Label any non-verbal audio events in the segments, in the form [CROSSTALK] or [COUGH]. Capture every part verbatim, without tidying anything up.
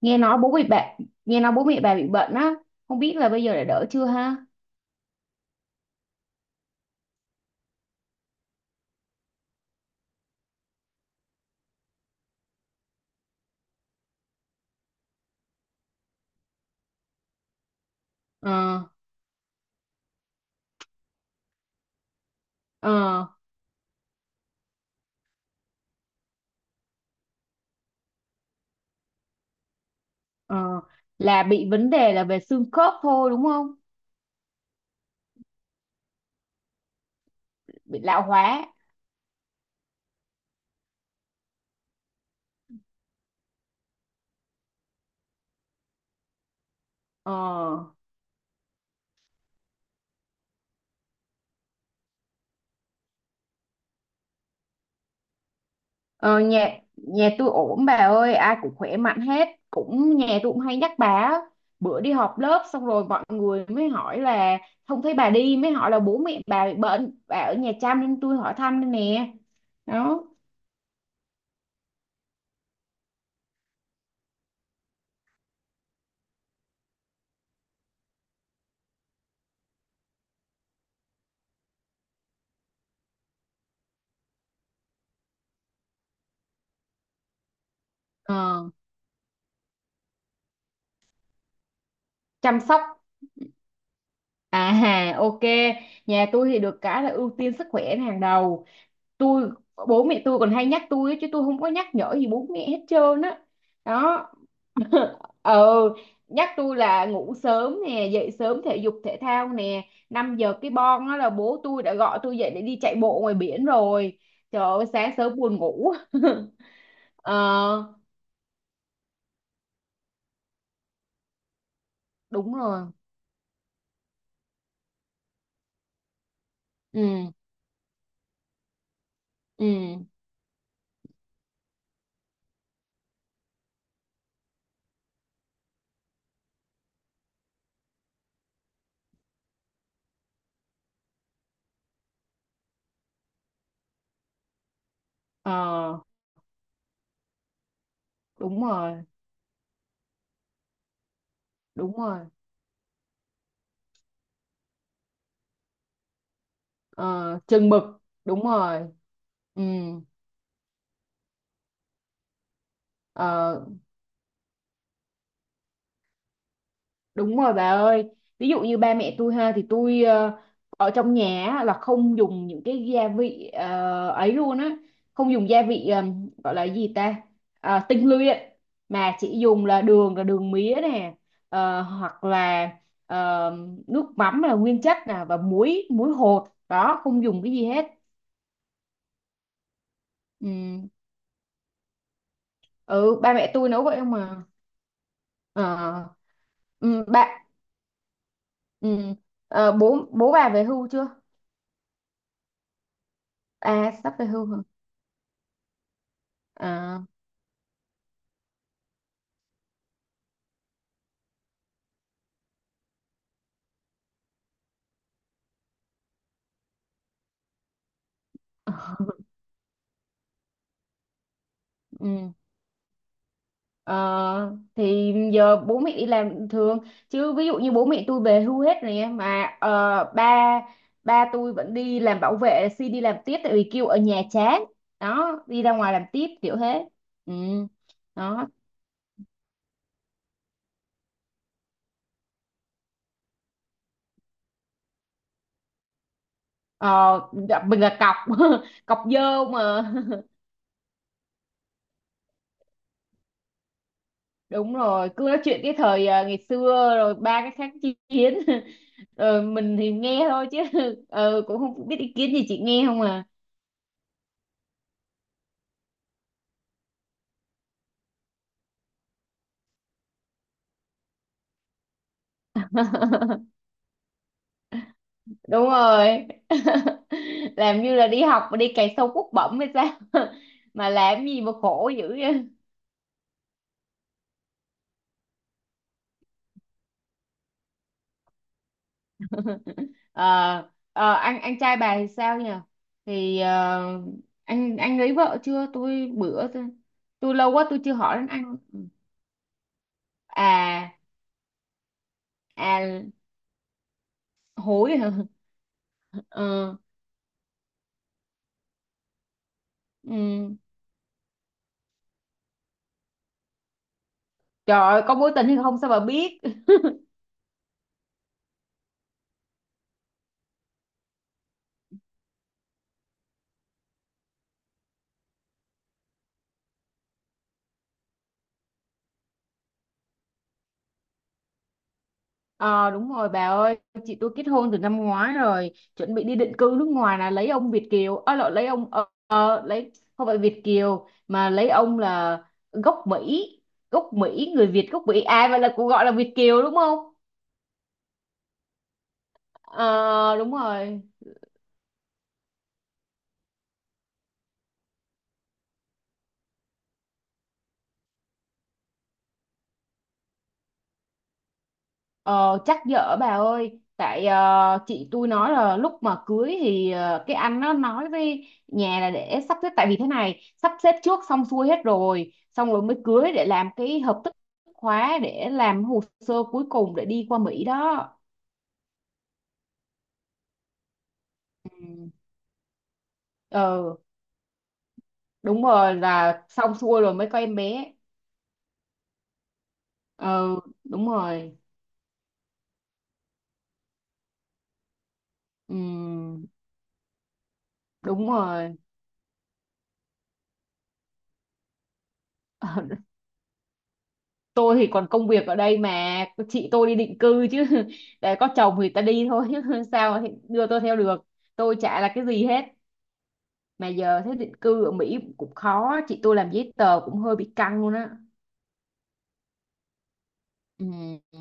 nghe nói bố bị bạn Nghe nói bố mẹ bà bị bệnh á, không biết là bây giờ đã đỡ chưa ha. Ờ, ờ, ờ, là bị vấn đề là về xương khớp thôi đúng không? Bị lão hóa. Ờ, ờ, nhà nhà tôi ổn bà ơi, ai cũng khỏe mạnh hết, cũng nhà tôi cũng hay nhắc bà á. Bữa đi họp lớp xong rồi mọi người mới hỏi là không thấy bà đi, mới hỏi là bố mẹ bà bị bệnh, bà ở nhà chăm nên tôi hỏi thăm đây nè. Đó. Ờ. Chăm sóc. À hà, ok, nhà tôi thì được cái là ưu tiên sức khỏe là hàng đầu. Tôi, bố mẹ tôi còn hay nhắc tôi ấy, chứ tôi không có nhắc nhở gì bố mẹ hết trơn á. Đó. Ờ, nhắc tôi là ngủ sớm nè, dậy sớm thể dục thể thao nè. Năm giờ cái bon á là bố tôi đã gọi tôi dậy để đi chạy bộ ngoài biển rồi. Trời ơi, sáng sớm buồn ngủ. [LAUGHS] Ờ, đúng rồi. Ừ, ừ. Ờ, đúng rồi, đúng rồi. Ờ, chừng mực, đúng rồi. Ừ. Ờ, đúng rồi bà ơi, ví dụ như ba mẹ tôi ha, thì tôi ờ, ở trong nhà á, là không dùng những cái gia vị ờ, ấy luôn á, không dùng gia vị ờ, gọi là gì ta. Ờ, tinh luyện, mà chỉ dùng là đường là đường mía nè, ờ, hoặc là, ờ, nước mắm là nguyên chất nè, và muối muối hột đó, không dùng cái gì hết. Ừ, ừ, ba mẹ tôi nấu vậy không mà. Ờ, ừ, bạn, ừ, ờ, bố bố bà về hưu chưa? À sắp về hưu hả? À, ờ, ừ. Ờ, thì giờ bố mẹ đi làm thường, chứ ví dụ như bố mẹ tôi về hưu hết rồi nha, mà ờ, ba ba tôi vẫn đi làm bảo vệ, xin đi làm tiếp, tại vì kêu ở nhà chán đó, đi ra ngoài làm tiếp kiểu thế. Ừ. Đó. Ờ, gặp mình là cọc [LAUGHS] cọc dơ mà. [LAUGHS] Đúng rồi, cứ nói chuyện cái thời ờ, ngày xưa rồi ba cái kháng chiến. [LAUGHS] Rồi mình thì nghe thôi chứ. [LAUGHS] Ờ, cũng không biết ý kiến gì, chị nghe không à. [LAUGHS] Đúng rồi. [LAUGHS] Làm như là đi học mà đi cày sâu cuốc bẩm hay sao. [LAUGHS] Mà làm gì mà khổ dữ vậy. Ờ, ờ, anh anh trai bà thì sao nhỉ? Thì ờ, anh anh lấy vợ chưa, tôi bữa tôi, tôi lâu quá tôi chưa hỏi đến anh. À, à, hối hả. [LAUGHS] Ờ, ừ. Trời ơi, có mối tình hay không sao bà biết. Ờ đúng rồi bà ơi, chị tôi kết hôn từ năm ngoái rồi, chuẩn bị đi định cư nước ngoài, là lấy ông Việt kiều, à, lộn, lấy ông, ờ, ờ, lấy không phải Việt kiều, mà lấy ông là gốc Mỹ, gốc Mỹ, người Việt gốc Mỹ. À vậy là cũng gọi là Việt kiều đúng không? Ờ đúng rồi. Ờ, chắc dở bà ơi, tại ờ, chị tôi nói là lúc mà cưới thì ờ, cái anh nó nói với nhà là để sắp xếp, tại vì thế này sắp xếp trước xong xuôi hết rồi, xong rồi mới cưới để làm cái hợp thức khóa, để làm hồ sơ cuối cùng để đi qua Mỹ đó. Ừ. Ờ đúng rồi, là xong xuôi rồi mới có em bé. Ờ đúng rồi. Ừ, đúng rồi. [LAUGHS] Tôi thì còn công việc ở đây mà, chị tôi đi định cư chứ. [LAUGHS] Để có chồng thì ta đi thôi chứ, [LAUGHS] sao thì đưa tôi theo được, tôi chả là cái gì hết. Mà giờ thế định cư ở Mỹ cũng khó, chị tôi làm giấy tờ cũng hơi bị căng luôn á. Ừ, ừ,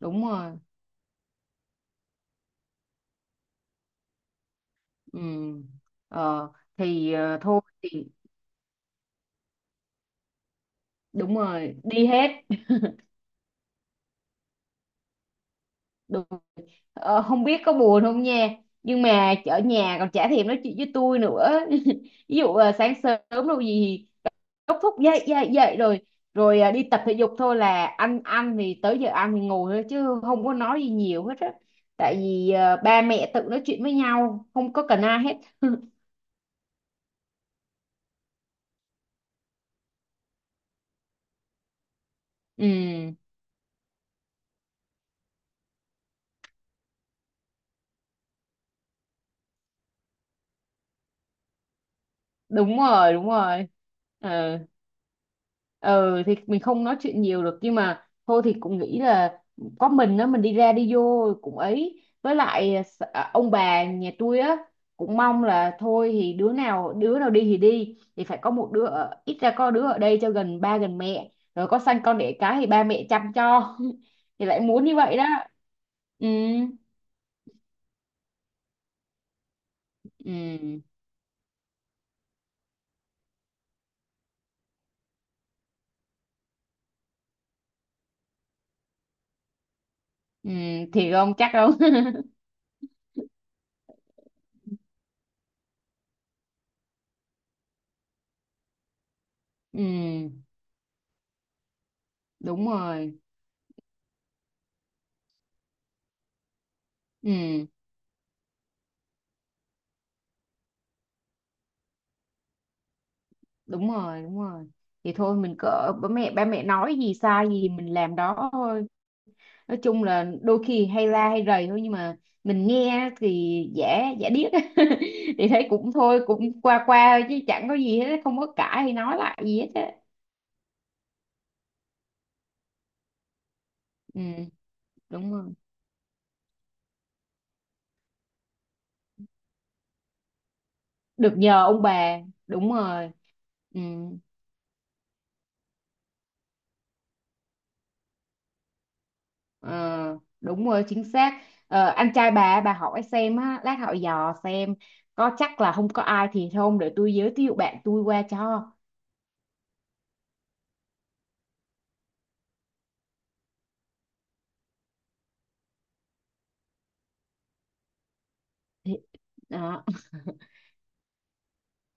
đúng rồi, ừ. Ờ, thì ờ, thôi thì, đúng rồi, đi hết. Đúng. Ờ, không biết có buồn không nha, nhưng mà ở nhà còn chả thèm nói chuyện với tôi nữa. [LAUGHS] Ví dụ ờ, sáng sớm, đâu gì, đốc thúc dậy dậy dậy rồi, rồi à, đi tập thể dục thôi, là ăn ăn thì tới giờ ăn thì ngồi thôi chứ không có nói gì nhiều hết á, tại vì à, ba mẹ tự nói chuyện với nhau không có cần ai hết. [LAUGHS] Ừ đúng rồi, đúng rồi. Ừ, ừ, thì mình không nói chuyện nhiều được, nhưng mà thôi thì cũng nghĩ là có mình á, mình đi ra đi vô cũng ấy, với lại à, s- à, ông bà nhà tôi á cũng mong là thôi thì đứa nào đứa nào đi thì đi, thì phải có một đứa ở, ít ra có đứa ở đây cho gần ba gần mẹ, rồi có sanh con đẻ cái thì ba mẹ chăm cho. [LAUGHS] Thì lại muốn như vậy đó. Ừ, ừ, ừ, thì không chắc đâu. [LAUGHS] Ừ đúng rồi, ừ, đúng rồi, đúng rồi. Thì thôi mình cỡ ba mẹ ba mẹ nói gì sai gì thì mình làm đó thôi, nói chung là đôi khi hay la hay rầy thôi, nhưng mà mình nghe thì giả giả điếc, [LAUGHS] thì thấy cũng thôi, cũng qua qua chứ chẳng có gì hết, không có cãi hay nói lại gì hết á. Ừ đúng rồi, được nhờ ông bà, đúng rồi. Ừ, ờ, đúng rồi chính xác. Ờ, anh trai bà bà hỏi xem á, lát hỏi dò xem có chắc là không có ai, thì không để tôi giới thiệu bạn tôi qua cho. Thế- Đó. [LAUGHS]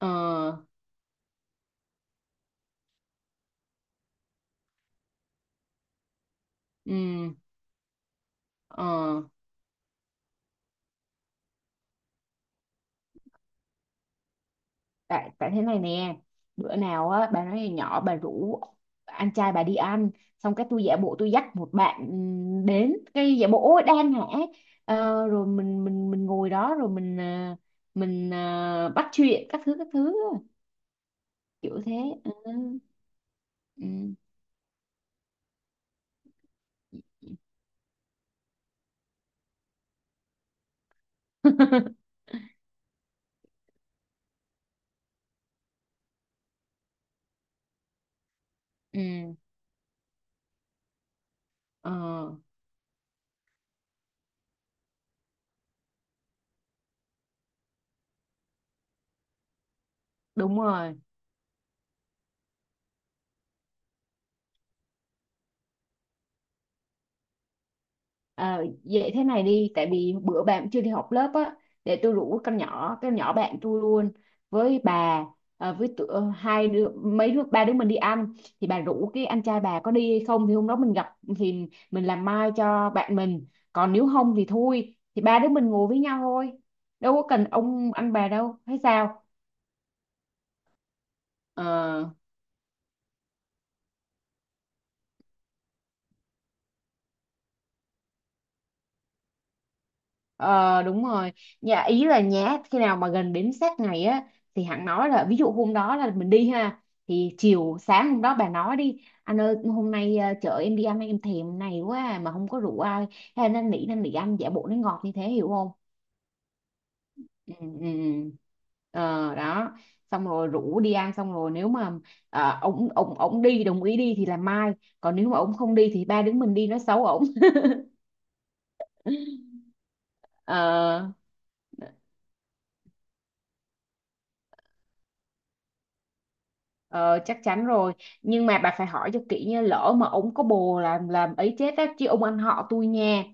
Ờ, ừm, ờ, tại tại thế này nè, bữa nào á bà nói là nhỏ, bà rủ anh trai bà đi ăn, xong cái tôi giả bộ tôi dắt một bạn, ừm, đến cái giả bộ ôi đang hả. Ờ, rồi mình mình mình ngồi đó rồi mình ờ, mình ờ, bắt chuyện các thứ các thứ kiểu thế. Ừ. Ừ. [LAUGHS] Ừ. Ờ, đúng rồi. Ờ, vậy thế này đi, tại vì bữa bạn chưa đi học lớp á, để tôi rủ con nhỏ con nhỏ bạn tôi luôn với bà, ờ, với tụi, ờ, hai đứa mấy đứa ba đứa mình đi ăn, thì bà rủ cái anh trai bà có đi hay không, thì hôm đó mình gặp thì mình làm mai cho bạn mình, còn nếu không thì thôi thì ba đứa mình ngồi với nhau thôi, đâu có cần ông anh bà đâu hay sao. Ờ, Ờ đúng rồi, nhà ý là nhá khi nào mà gần đến sát ngày á, thì hẳn nói là ví dụ hôm đó là mình đi ha, thì chiều sáng hôm đó bà nói đi anh ơi hôm nay à, chợ em đi ăn em thèm này quá à, mà không có rượu ai hay nên nỉ nên nỉ anh giả bộ nó ngọt như thế hiểu không. Ừ, ừ, ừ. Ờ đó, xong rồi rủ đi ăn, xong rồi nếu mà à, ổng ổng ổng đi, đồng ý đi thì là mai, còn nếu mà ổng không đi thì ba đứa mình đi nói xấu ổng. [LAUGHS] Ờ. Ờ, chắc chắn rồi. Nhưng mà bà phải hỏi cho kỹ nha, lỡ mà ổng có bồ làm làm ấy chết á, chứ ông anh họ tôi nha,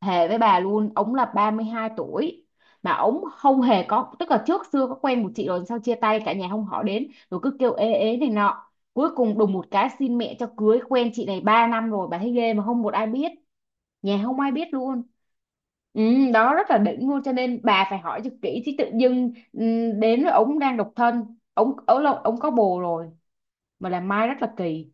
thề với bà luôn, ổng là ba mươi hai tuổi mà ổng không hề có, tức là trước xưa có quen một chị rồi sau chia tay, cả nhà không hỏi đến, rồi cứ kêu ế ế này nọ, cuối cùng đùng một cái xin mẹ cho cưới, quen chị này ba năm rồi bà thấy ghê, mà không một ai biết, nhà không ai biết luôn. Ừ, đó rất là đỉnh luôn, cho nên bà phải hỏi cho kỹ, chứ tự dưng ừ, đến với ổng đang độc thân, ổng ổng là- ổng có bồ rồi mà làm mai rất là kỳ.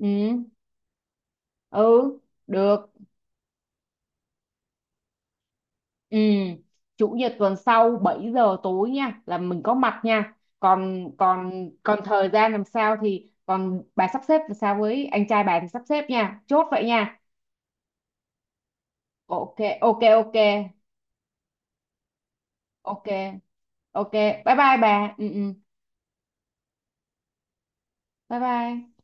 Ừ, ừ, được, ừ. Chủ nhật tuần sau bảy giờ tối nha, là mình có mặt nha. Còn còn còn thời gian làm sao thì còn bà sắp xếp làm sao với anh trai bà thì sắp xếp nha, chốt vậy nha. Ok, ok, ok, ok, ok, bye bye bà, ừ, ừ, bye bye.